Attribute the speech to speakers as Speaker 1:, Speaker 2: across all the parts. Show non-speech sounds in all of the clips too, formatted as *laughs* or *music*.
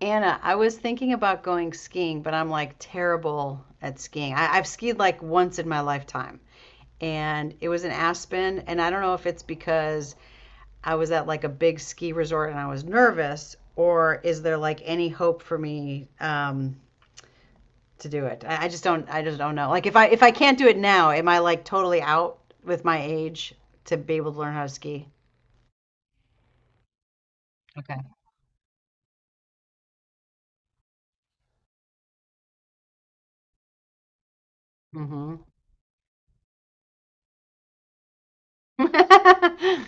Speaker 1: Anna, I was thinking about going skiing, but I'm like terrible at skiing. I've skied like once in my lifetime, and it was in Aspen. And I don't know if it's because I was at like a big ski resort and I was nervous, or is there like any hope for me to do it? I just don't. I just don't know. Like if I can't do it now, am I like totally out with my age to be able to learn how to ski? Okay. Mm-hmm. *laughs* Mm-hmm.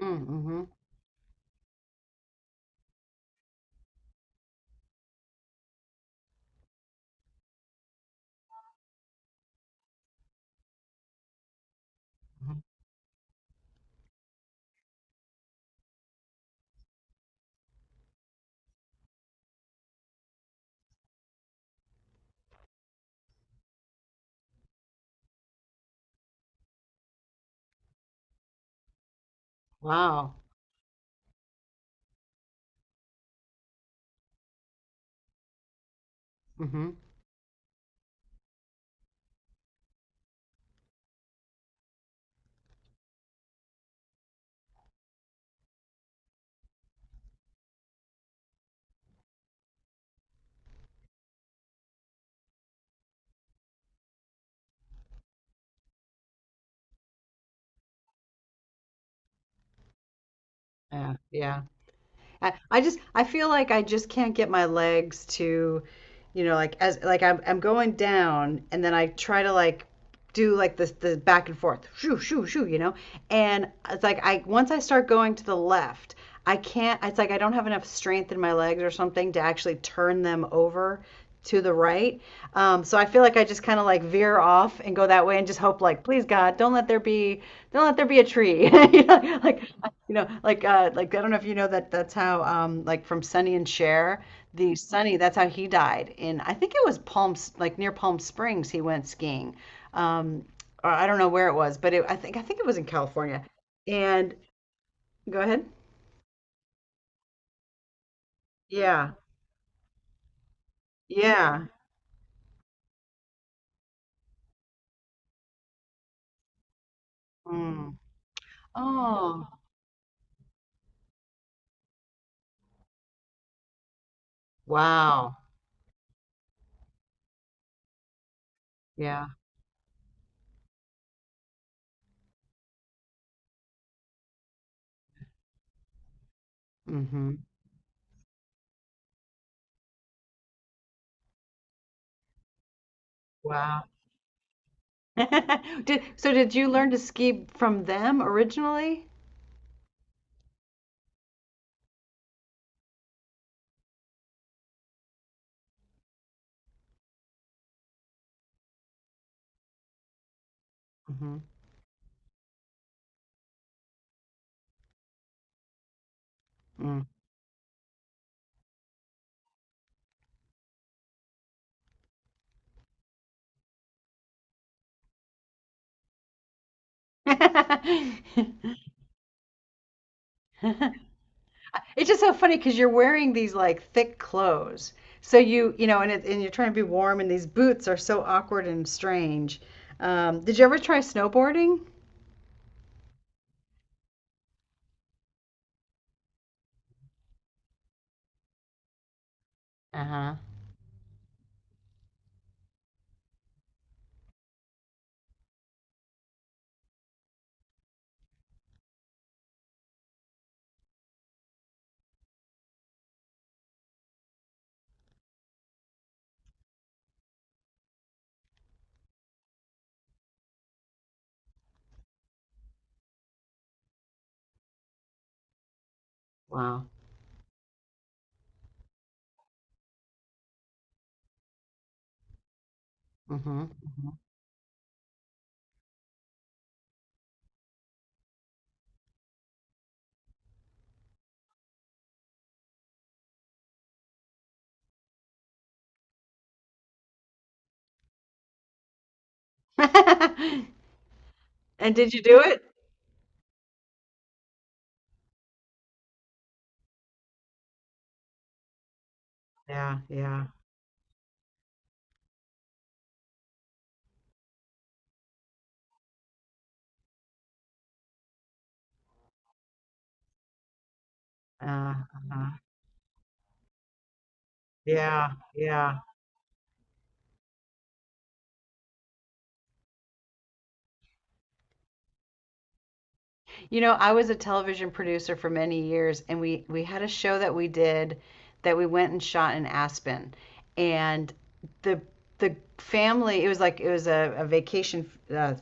Speaker 1: Mm-hmm. Wow. Mm-hmm. Yeah, yeah. I feel like I just can't get my legs to, like as like I'm going down and then I try to like do like this the back and forth, shoo shoo shoo. And it's like I once I start going to the left, I can't. It's like I don't have enough strength in my legs or something to actually turn them over to the right. So I feel like I just kind of like veer off and go that way and just hope like, please God, don't let there be a tree. *laughs* You know, like I don't know if you know that that's how like from Sonny and Cher, the Sonny, that's how he died in I think it was Palm like near Palm Springs he went skiing. Um or I don't know where it was, but it, I think it was in California. And go ahead. Yeah. Yeah. Mm. Oh, wow. Yeah. Mm-hmm. Wow. *laughs* Did you learn to ski from them originally? Mm-hmm. Mm. *laughs* It's just so funny because you're wearing these like thick clothes. So you, and you're trying to be warm, and these boots are so awkward and strange. Did you ever try snowboarding? Uh-huh. Wow. Mm-hmm. Hmm. *laughs* And did you do it? Yeah, yeah. Uh-huh. Yeah, yeah. You know, I was a television producer for many years, and we had a show that we did that we went and shot in Aspen, and the the family it was a vacation uh,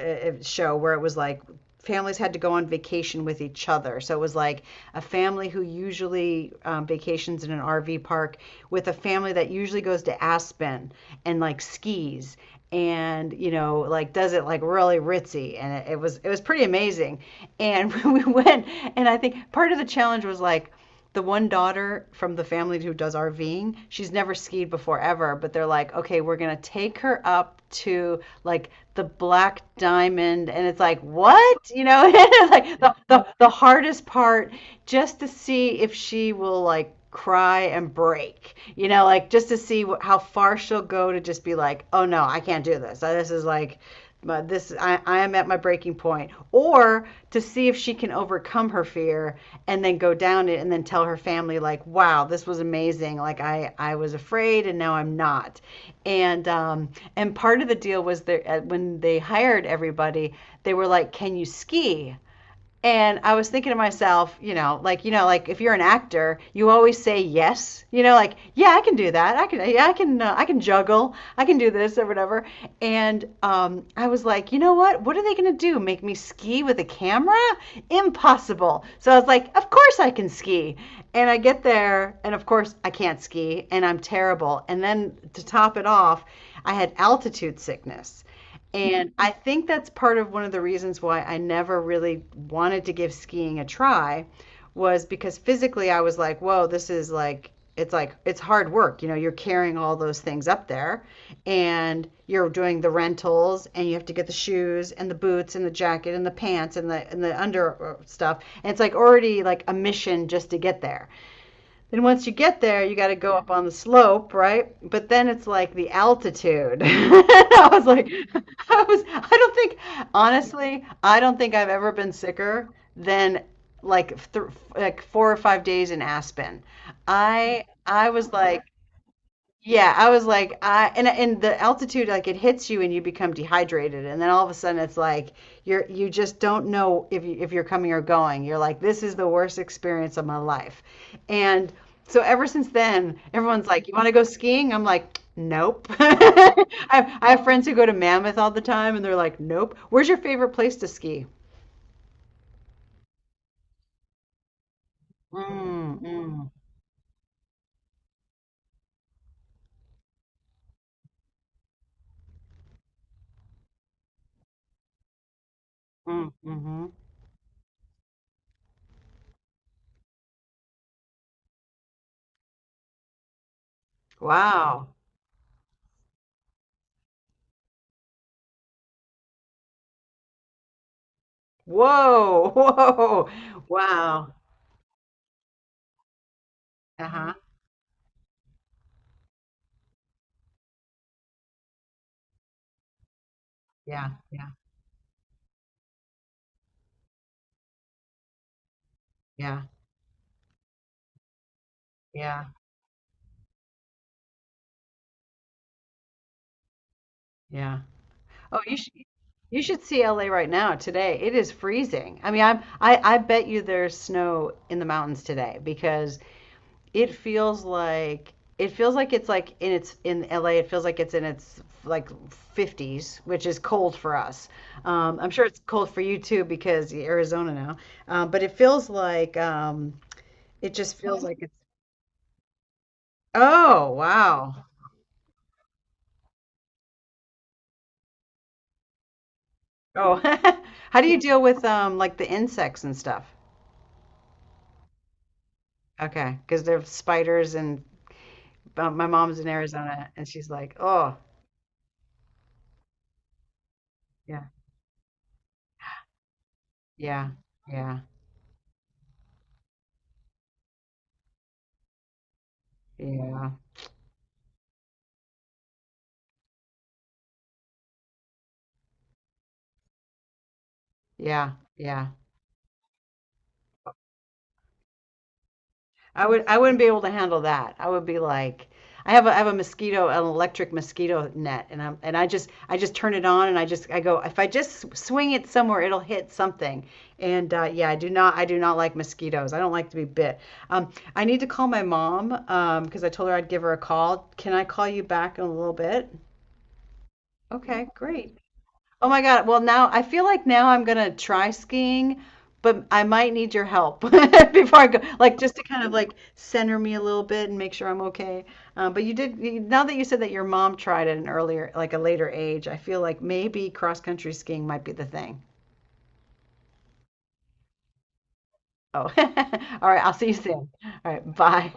Speaker 1: uh, show where it was like families had to go on vacation with each other. So it was like a family who usually vacations in an RV park with a family that usually goes to Aspen and like skis and like does it like really ritzy, and it was pretty amazing, and *laughs* we went, and I think part of the challenge was like the one daughter from the family who does RVing, she's never skied before ever, but they're like, okay, we're going to take her up to like the Black Diamond. And it's like, what? You know, *laughs* it's like the hardest part, just to see if she will like cry and break, like just to see how far she'll go, to just be like, oh no, I can't do this. This is like, I am at my breaking point. Or to see if she can overcome her fear and then go down it and then tell her family like, wow, this was amazing, like I was afraid and now I'm not. And um and part of the deal was there when they hired everybody. They were like, can you ski? And I was thinking to myself, you know, like if you're an actor, you always say yes. You know, like, yeah, I can do that. I can, yeah, I can juggle. I can do this or whatever. And I was like, you know what? What are they gonna do? Make me ski with a camera? Impossible. So I was like, of course I can ski. And I get there, and of course I can't ski, and I'm terrible. And then to top it off, I had altitude sickness. And I think that's part of one of the reasons why I never really wanted to give skiing a try, was because physically I was like, whoa, this is like, it's hard work. You know, you're carrying all those things up there and you're doing the rentals and you have to get the shoes and the boots and the jacket and the pants and the under stuff. And it's like already like a mission just to get there. Then once you get there, you got to go up on the slope, right? But then it's like the altitude. *laughs* I was like, *laughs* I don't think, honestly, I don't think I've ever been sicker than like like 4 or 5 days in Aspen. I was like, yeah, I was like, I and the altitude, like it hits you and you become dehydrated and then all of a sudden it's like you just don't know if you're coming or going. You're like, this is the worst experience of my life. And so ever since then, everyone's like, you want to go skiing? I'm like, nope. *laughs* I have friends who go to Mammoth all the time and they're like, nope. Where's your favorite place to ski? Mm, mm, mm, mm-hmm. Wow. Whoa. *laughs* Whoa. Wow. Uh-huh. Yeah. Yeah. Yeah, yeah, yeah. Oh, you should see LA right now today. It is freezing. I mean, I bet you there's snow in the mountains today, because it feels like it's like in its in LA. It feels like it's in its like 50s, which is cold for us. I'm sure it's cold for you too because you're Arizona now. But it feels like it just feels like it's. Oh, wow. Oh, *laughs* how do you deal with like the insects and stuff? Okay, okay, 'cause there's spiders, and my mom's in Arizona and she's like, "Oh, yeah, yeah, yeah, yeah, yeah, yeah." I wouldn't be able to handle that. I would be like, I have a mosquito, an electric mosquito net, and I just turn it on and I go, if I just swing it somewhere, it'll hit something. And yeah, I do not like mosquitoes. I don't like to be bit. I need to call my mom because I told her I'd give her a call. Can I call you back in a little bit? Okay, great. Oh my God. Well, now I feel like now I'm gonna try skiing, but I might need your help *laughs* before I go, like just to kind of like center me a little bit and make sure I'm okay. But you did, now that you said that your mom tried at an earlier, like a later age, I feel like maybe cross country skiing might be the thing. Oh, *laughs* all right. I'll see you soon. All right. Bye.